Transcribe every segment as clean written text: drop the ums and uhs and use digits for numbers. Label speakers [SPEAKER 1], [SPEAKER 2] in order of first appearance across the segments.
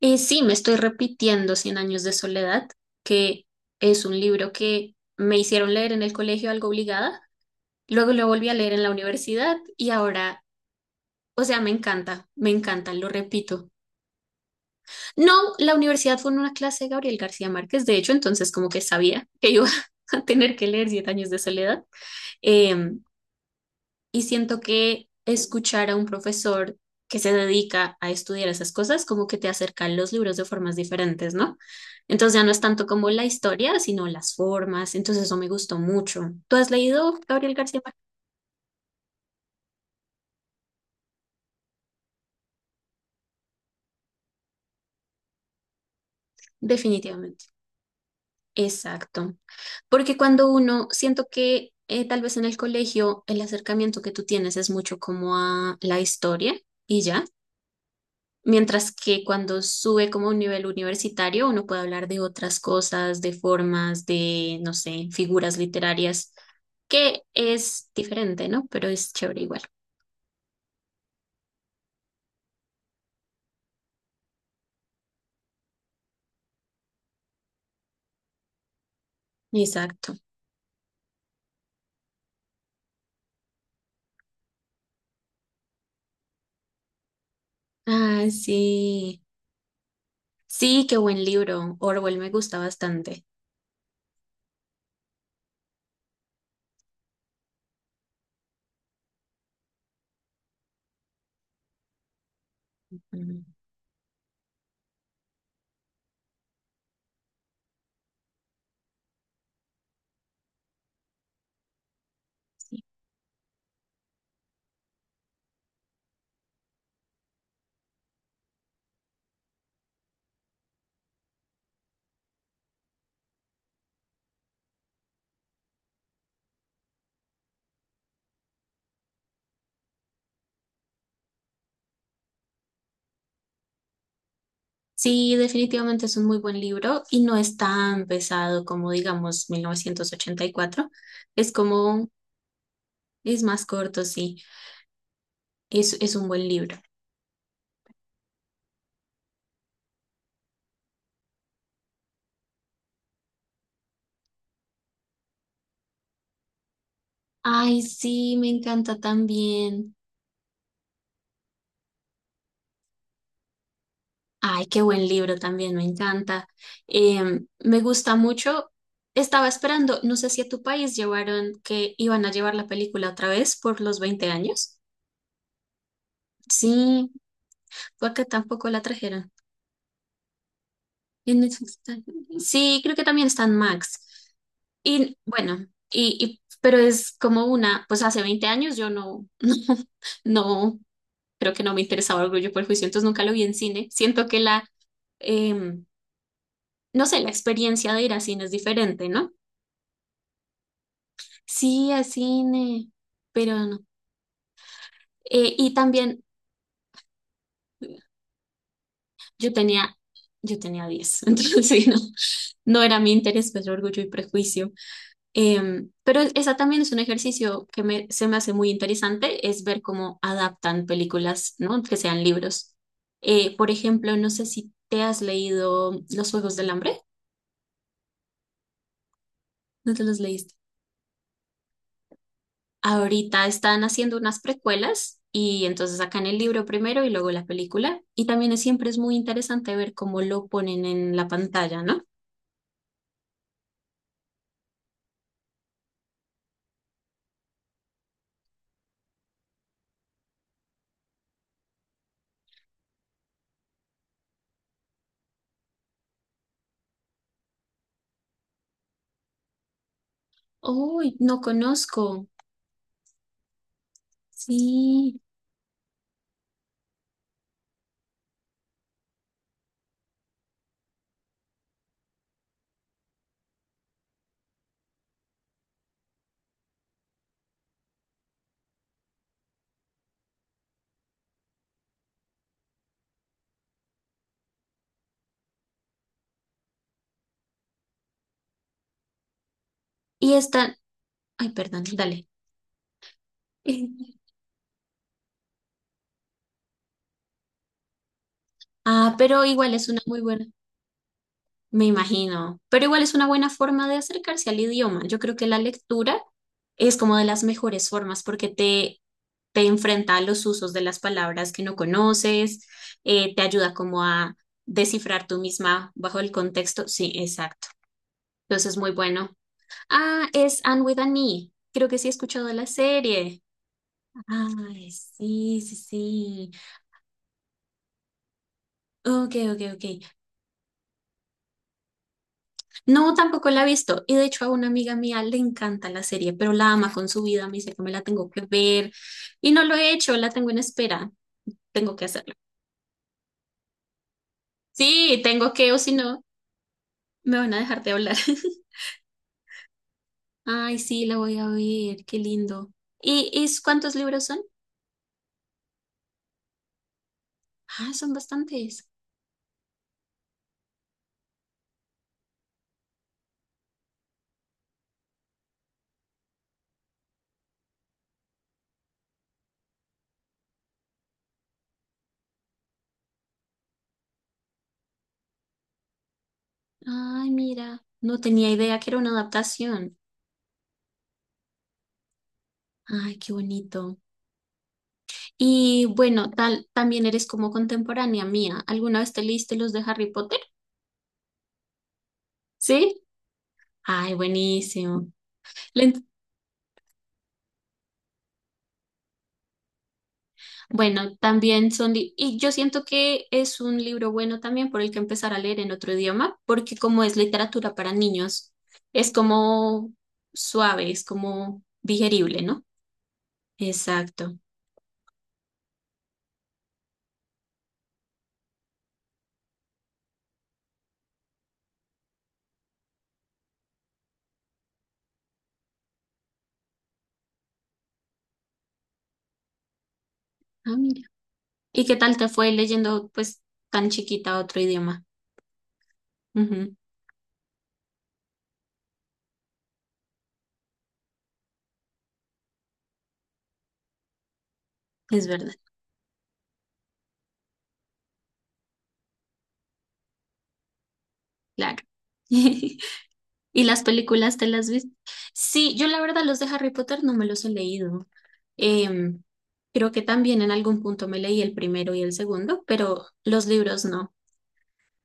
[SPEAKER 1] Sí, me estoy repitiendo Cien años de soledad, que es un libro que me hicieron leer en el colegio algo obligada, luego lo volví a leer en la universidad y ahora, o sea, me encanta, lo repito. No, la universidad fue en una clase de Gabriel García Márquez, de hecho, entonces como que sabía que iba a tener que leer Cien años de soledad. Eh, Y siento que escuchar a un profesor que se dedica a estudiar esas cosas como que te acerca a los libros de formas diferentes, ¿no? Entonces ya no es tanto como la historia, sino las formas. Entonces eso me gustó mucho. ¿Tú has leído Gabriel García Márquez? Definitivamente. Exacto. Porque cuando uno, siento que tal vez en el colegio el acercamiento que tú tienes es mucho como a la historia y ya. Mientras que cuando sube como a un nivel universitario, uno puede hablar de otras cosas, de formas, de, no sé, figuras literarias, que es diferente, ¿no? Pero es chévere igual. Exacto. Ah, sí. Sí, qué buen libro. Orwell me gusta bastante. Mm. Sí. Sí, definitivamente es un muy buen libro y no es tan pesado como, digamos, 1984. Es como, es más corto, sí. Es un buen libro. Ay, sí, me encanta también. Ay, qué buen libro también, me encanta. Me gusta mucho. Estaba esperando, no sé si a tu país llevaron que iban a llevar la película otra vez por los 20 años. Sí, fue acá tampoco la trajeron. En Netflix está-. Sí, creo que también está en Max. Y bueno, pero es como una, pues hace 20 años yo no, no, no, creo que no me interesaba Orgullo y Prejuicio, entonces nunca lo vi en cine. Siento que la, em, no sé, la experiencia de ir a cine es diferente, ¿no? Sí, a cine, pero no. Y también yo tenía, yo tenía 10, entonces sí, no, no era mi interés, pues orgullo y prejuicio. Pero esa también es un ejercicio que me, se me hace muy interesante, es ver cómo adaptan películas, ¿no? Que sean libros. Por ejemplo, no sé si te has leído Los Juegos del Hambre, ¿no te los leíste? Ahorita están haciendo unas precuelas y entonces sacan el libro primero y luego la película. Y también es- siempre es muy interesante ver cómo lo ponen en la pantalla, ¿no? Uy, no conozco. Sí. Y están... Ay, perdón, dale. Ah, pero igual es una muy buena. Me imagino, pero igual es una buena forma de acercarse al idioma. Yo creo que la lectura es como de las mejores formas porque te enfrenta a los usos de las palabras que no conoces, te ayuda como a descifrar tú misma bajo el contexto. Sí, exacto. Entonces, muy bueno. Ah, es Anne with an E. Creo que sí he escuchado la serie. Ay, sí, sí, sí. Ok, ok, ok. No, tampoco la he visto. Y de hecho a una amiga mía le encanta la serie, pero la ama con su vida. Me dice que me la tengo que ver. Y no lo he hecho, la tengo en espera. Tengo que hacerlo. Sí, tengo que, o si no, me van a dejar de hablar. Ay, sí, la voy a ver. Qué lindo. ¿Y cuántos libros son? Ah, son bastantes. Ay, mira. No tenía idea que era una adaptación. Ay, qué bonito. Y bueno, tal, también eres como contemporánea mía. ¿Alguna vez te leíste los de Harry Potter? ¿Sí? Ay, buenísimo. Le ent-. Bueno, también son, li- y yo siento que es un libro bueno también por el que empezar a leer en otro idioma, porque como es literatura para niños, es como suave, es como digerible, ¿no? Exacto. Ah, mira. ¿Y qué tal te fue leyendo, pues, tan chiquita otro idioma? Ujú, es verdad, claro. ¿Y las películas te las viste? Sí, yo la verdad los de Harry Potter no me los he leído. Em, Creo que también en algún punto me leí el primero y el segundo, pero los libros no.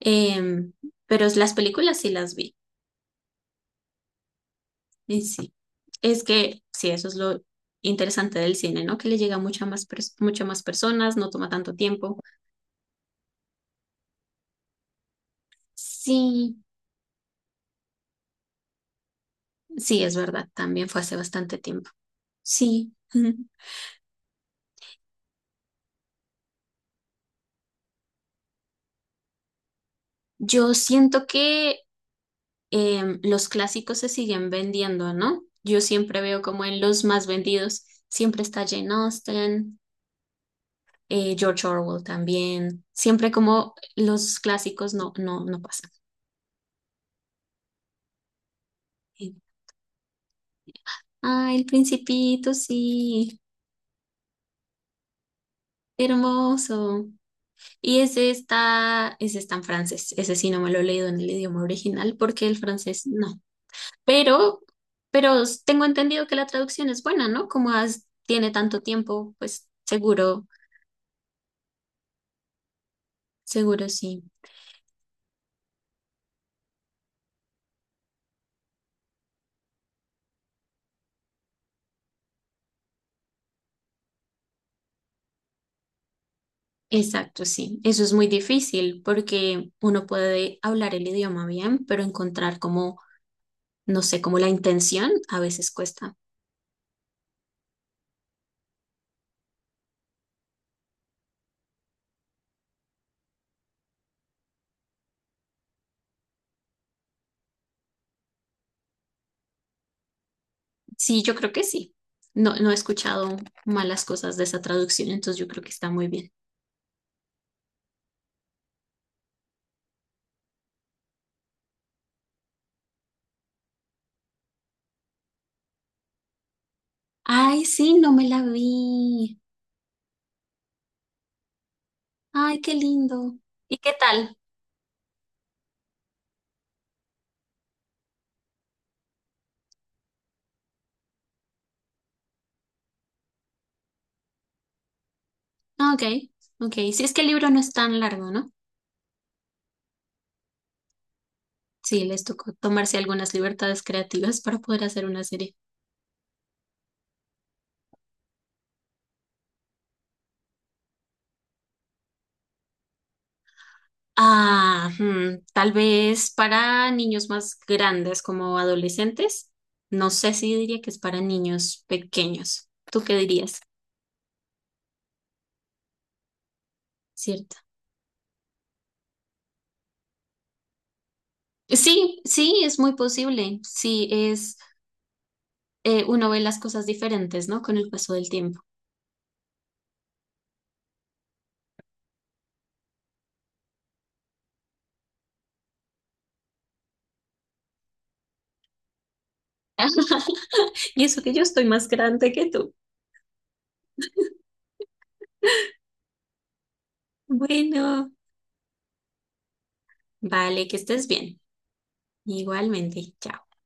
[SPEAKER 1] Em, pero las películas sí las vi. Y sí, es que sí, eso es lo interesante del cine, ¿no? Que le llega a mucha más pers- muchas más personas, no toma tanto tiempo. Sí, sí, es verdad, también fue hace bastante tiempo. Sí, yo siento que los clásicos se siguen vendiendo, ¿no? Yo siempre veo como en los más vendidos, siempre está Jane Austen, George Orwell también, siempre como los clásicos no pasan. Ah, El Principito, sí, hermoso. Y ese está en francés, ese sí no me lo he leído en el idioma original porque el francés no. Pero, pero tengo entendido que la traducción es buena, ¿no? Como has- tiene tanto tiempo, pues seguro. Seguro sí. Exacto, sí. Eso es muy difícil porque uno puede hablar el idioma bien, pero encontrar como, no sé, como la intención a veces cuesta. Sí, yo creo que sí. No, no he escuchado malas cosas de esa traducción, entonces yo creo que está muy bien. Ay, sí, no me la vi. Ay, qué lindo. ¿Y qué tal? Ah, ok, ok. Sí, es que el libro no es tan largo, ¿no? Sí, les tocó tomarse algunas libertades creativas para poder hacer una serie. Ah, hmm, tal vez para niños más grandes como adolescentes. No sé si diría que es para niños pequeños. ¿Tú qué dirías? ¿Cierto? Sí, sí, es muy posible. Sí, es, uno ve las cosas diferentes, ¿no? Con el paso del tiempo. Y eso que yo estoy más grande que tú. Bueno, vale, que estés bien. Igualmente, chao.